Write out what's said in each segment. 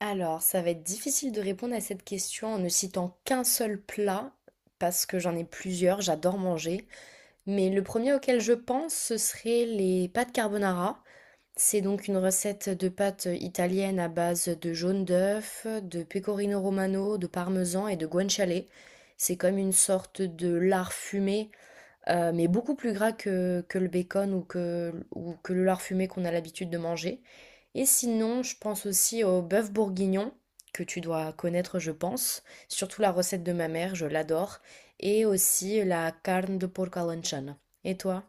Alors, ça va être difficile de répondre à cette question en ne citant qu'un seul plat, parce que j'en ai plusieurs, j'adore manger. Mais le premier auquel je pense, ce serait les pâtes carbonara. C'est donc une recette de pâtes italiennes à base de jaune d'œuf, de pecorino romano, de parmesan et de guanciale. C'est comme une sorte de lard fumé mais beaucoup plus gras que le bacon ou que le lard fumé qu'on a l'habitude de manger et sinon, je pense aussi au bœuf bourguignon, que tu dois connaître, je pense, surtout la recette de ma mère, je l'adore et aussi la carne de porc à l'anchon. Et toi?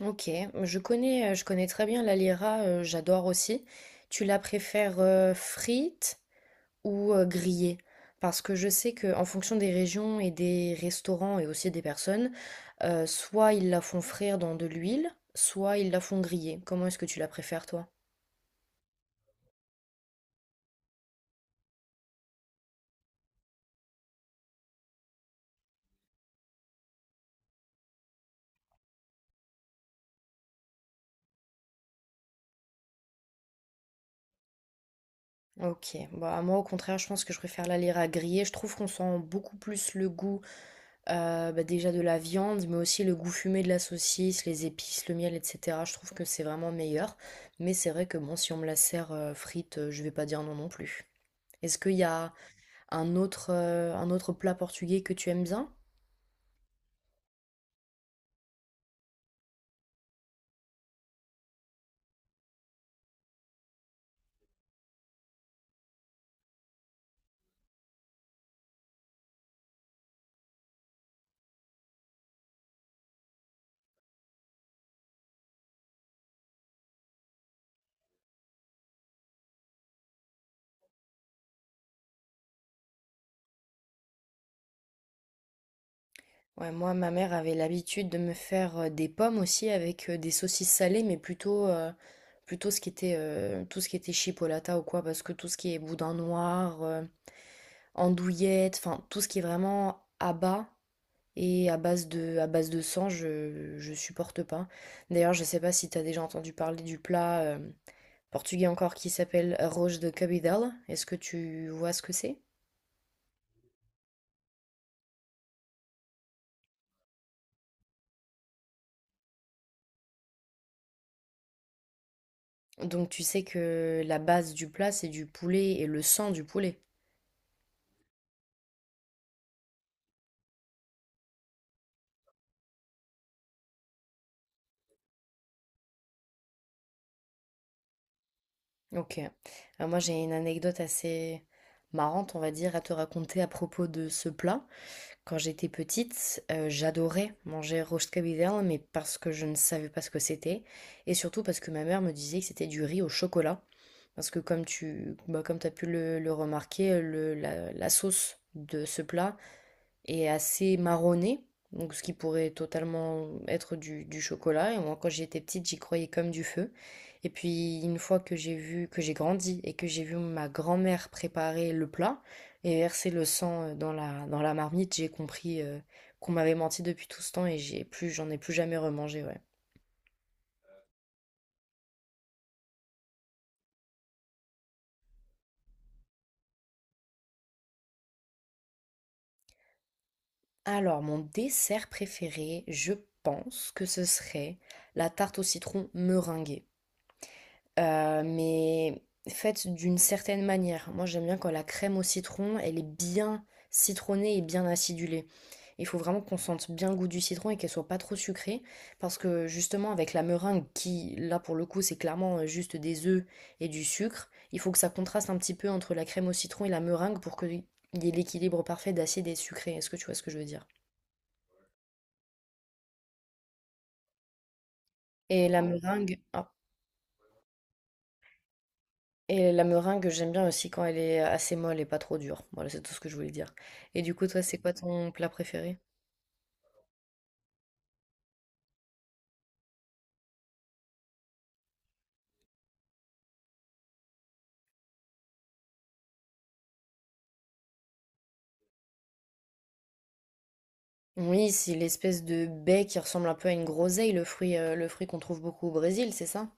OK, je connais très bien la lira, j'adore aussi. Tu la préfères, frite? Ou grillé. Parce que je sais qu'en fonction des régions et des restaurants et aussi des personnes, soit ils la font frire dans de l'huile, soit ils la font griller. Comment est-ce que tu la préfères, toi? Ok, bah moi au contraire, je pense que je préfère la lire à griller. Je trouve qu'on sent beaucoup plus le goût bah, déjà de la viande, mais aussi le goût fumé de la saucisse, les épices, le miel, etc. Je trouve que c'est vraiment meilleur. Mais c'est vrai que bon, si on me la sert frite, je vais pas dire non non plus. Est-ce qu'il y a un autre plat portugais que tu aimes bien? Ouais, moi, ma mère avait l'habitude de me faire, des pommes aussi avec, des saucisses salées, mais plutôt, plutôt ce qui était, tout ce qui était chipolata ou quoi, parce que tout ce qui est boudin noir, andouillette, enfin tout ce qui est vraiment à bas et à base de sang, je supporte pas. D'ailleurs, je sais pas si t'as déjà entendu parler du plat, portugais encore qui s'appelle arroz de cabidela. Est-ce que tu vois ce que c'est? Donc tu sais que la base du plat, c'est du poulet et le sang du poulet. Ok. Moi, j'ai une anecdote assez marrante, on va dire, à te raconter à propos de ce plat. Quand j'étais petite, j'adorais manger roast cabillaud, mais parce que je ne savais pas ce que c'était. Et surtout parce que ma mère me disait que c'était du riz au chocolat. Parce que comme tu bah, comme t'as pu le remarquer, la sauce de ce plat et assez marronné, donc ce qui pourrait totalement être du chocolat. Et moi, quand j'étais petite, j'y croyais comme du feu. Et puis, une fois que j'ai grandi et que j'ai vu ma grand-mère préparer le plat et verser le sang dans dans la marmite, j'ai compris qu'on m'avait menti depuis tout ce temps et j'en ai plus jamais remangé, ouais. Alors, mon dessert préféré, je pense que ce serait la tarte au citron meringuée. Mais faite d'une certaine manière. Moi, j'aime bien quand la crème au citron, elle est bien citronnée et bien acidulée. Il faut vraiment qu'on sente bien le goût du citron et qu'elle soit pas trop sucrée, parce que justement avec la meringue qui, là pour le coup, c'est clairement juste des œufs et du sucre, il faut que ça contraste un petit peu entre la crème au citron et la meringue pour qu'il y ait l'équilibre parfait d'acide et de sucré. Est-ce que tu vois ce que je veux dire? Et la meringue, Et la meringue, j'aime bien aussi quand elle est assez molle et pas trop dure. Voilà, c'est tout ce que je voulais dire. Et du coup, toi, c'est quoi ton plat préféré? Oui, c'est l'espèce de baie qui ressemble un peu à une groseille, le fruit qu'on trouve beaucoup au Brésil, c'est ça?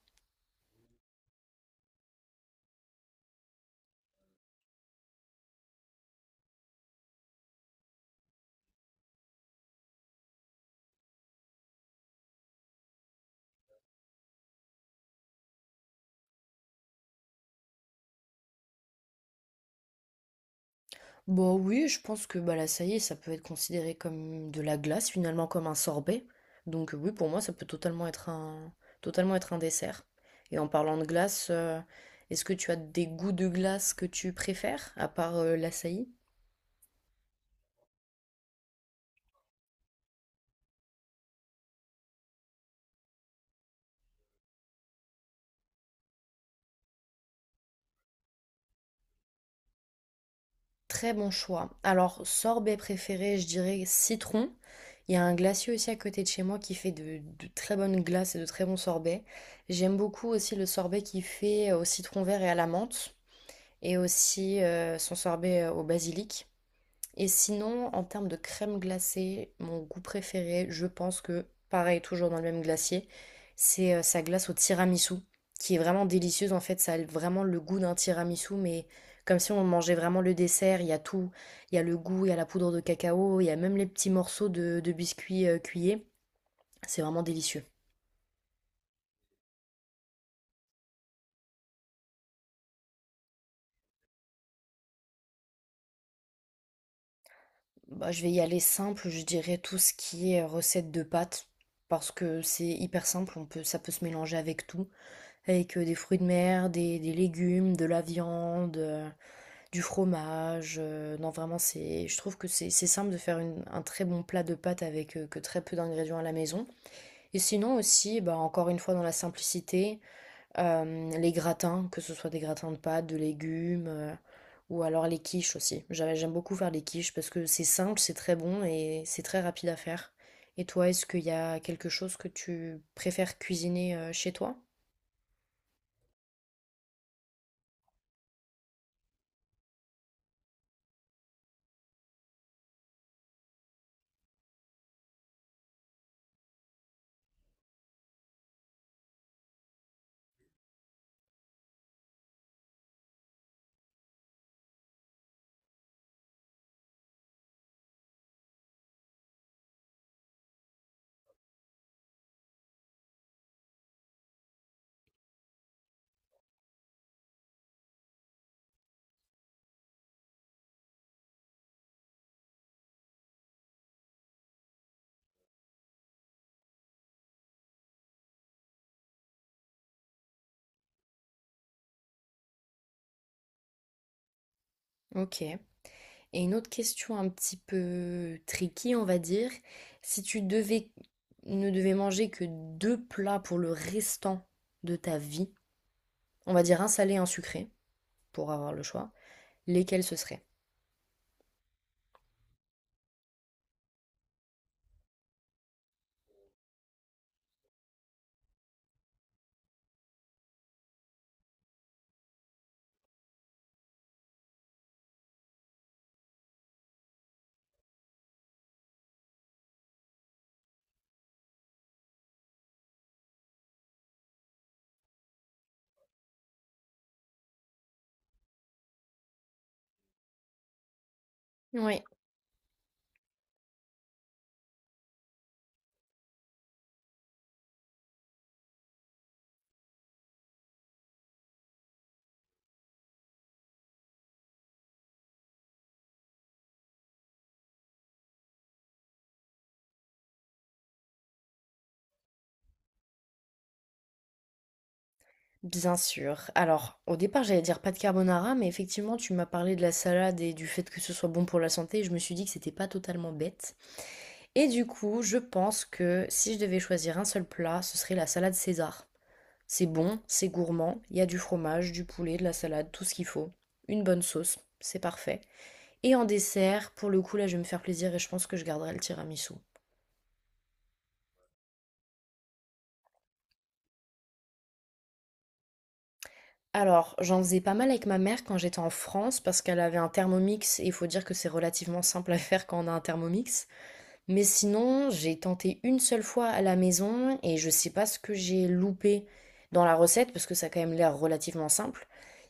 Bon, oui, je pense que bah là, ça y est, ça peut être considéré comme de la glace, finalement comme un sorbet. Donc oui, pour moi, ça peut totalement être totalement être un dessert. Et en parlant de glace, est-ce que tu as des goûts de glace que tu préfères, à part l'açaï? Très bon choix. Alors, sorbet préféré, je dirais citron. Il y a un glacier aussi à côté de chez moi qui fait de très bonnes glaces et de très bons sorbets. J'aime beaucoup aussi le sorbet qu'il fait au citron vert et à la menthe. Et aussi son sorbet au basilic. Et sinon, en termes de crème glacée, mon goût préféré, je pense que, pareil, toujours dans le même glacier, c'est sa glace au tiramisu, qui est vraiment délicieuse. En fait, ça a vraiment le goût d'un tiramisu, mais comme si on mangeait vraiment le dessert. Il y a tout. Il y a le goût, il y a la poudre de cacao, il y a même les petits morceaux de biscuits cuillés. C'est vraiment délicieux. Bah, je vais y aller simple, je dirais tout ce qui est recette de pâtes, parce que c'est hyper simple, ça peut se mélanger avec tout, avec des fruits de mer, des légumes, de la viande, du fromage. Non, vraiment, je trouve que c'est simple de faire un très bon plat de pâtes avec que très peu d'ingrédients à la maison. Et sinon aussi, bah, encore une fois, dans la simplicité, les gratins, que ce soit des gratins de pâtes, de légumes, ou alors les quiches aussi. J'aime beaucoup faire les quiches parce que c'est simple, c'est très bon et c'est très rapide à faire. Et toi, est-ce qu'il y a quelque chose que tu préfères cuisiner chez toi? Ok. Et une autre question un petit peu tricky, on va dire, si tu devais ne devais manger que deux plats pour le restant de ta vie, on va dire un salé et un sucré pour avoir le choix, lesquels ce seraient? Oui, bien sûr. Alors, au départ, j'allais dire pas de carbonara, mais effectivement, tu m'as parlé de la salade et du fait que ce soit bon pour la santé, et je me suis dit que c'était pas totalement bête. Et du coup, je pense que si je devais choisir un seul plat, ce serait la salade César. C'est bon, c'est gourmand, il y a du fromage, du poulet, de la salade, tout ce qu'il faut. Une bonne sauce, c'est parfait. Et en dessert, pour le coup, là, je vais me faire plaisir et je pense que je garderai le tiramisu. Alors, j'en faisais pas mal avec ma mère quand j'étais en France parce qu'elle avait un Thermomix et il faut dire que c'est relativement simple à faire quand on a un Thermomix. Mais sinon, j'ai tenté une seule fois à la maison et je sais pas ce que j'ai loupé dans la recette parce que ça a quand même l'air relativement simple.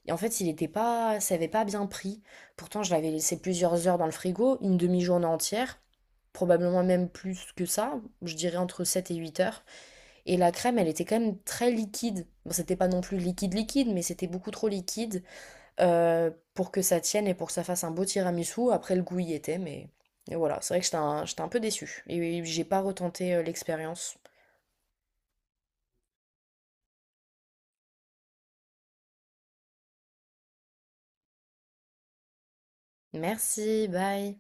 Et en fait, il était pas, ça avait pas bien pris. Pourtant, je l'avais laissé plusieurs heures dans le frigo, une demi-journée entière, probablement même plus que ça, je dirais entre 7 et 8 heures. Et la crème, elle était quand même très liquide. Bon, c'était pas non plus liquide liquide, mais c'était beaucoup trop liquide pour que ça tienne et pour que ça fasse un beau tiramisu. Après, le goût y était, et voilà, c'est vrai que j'étais un peu déçue. Et j'ai pas retenté l'expérience. Merci, bye.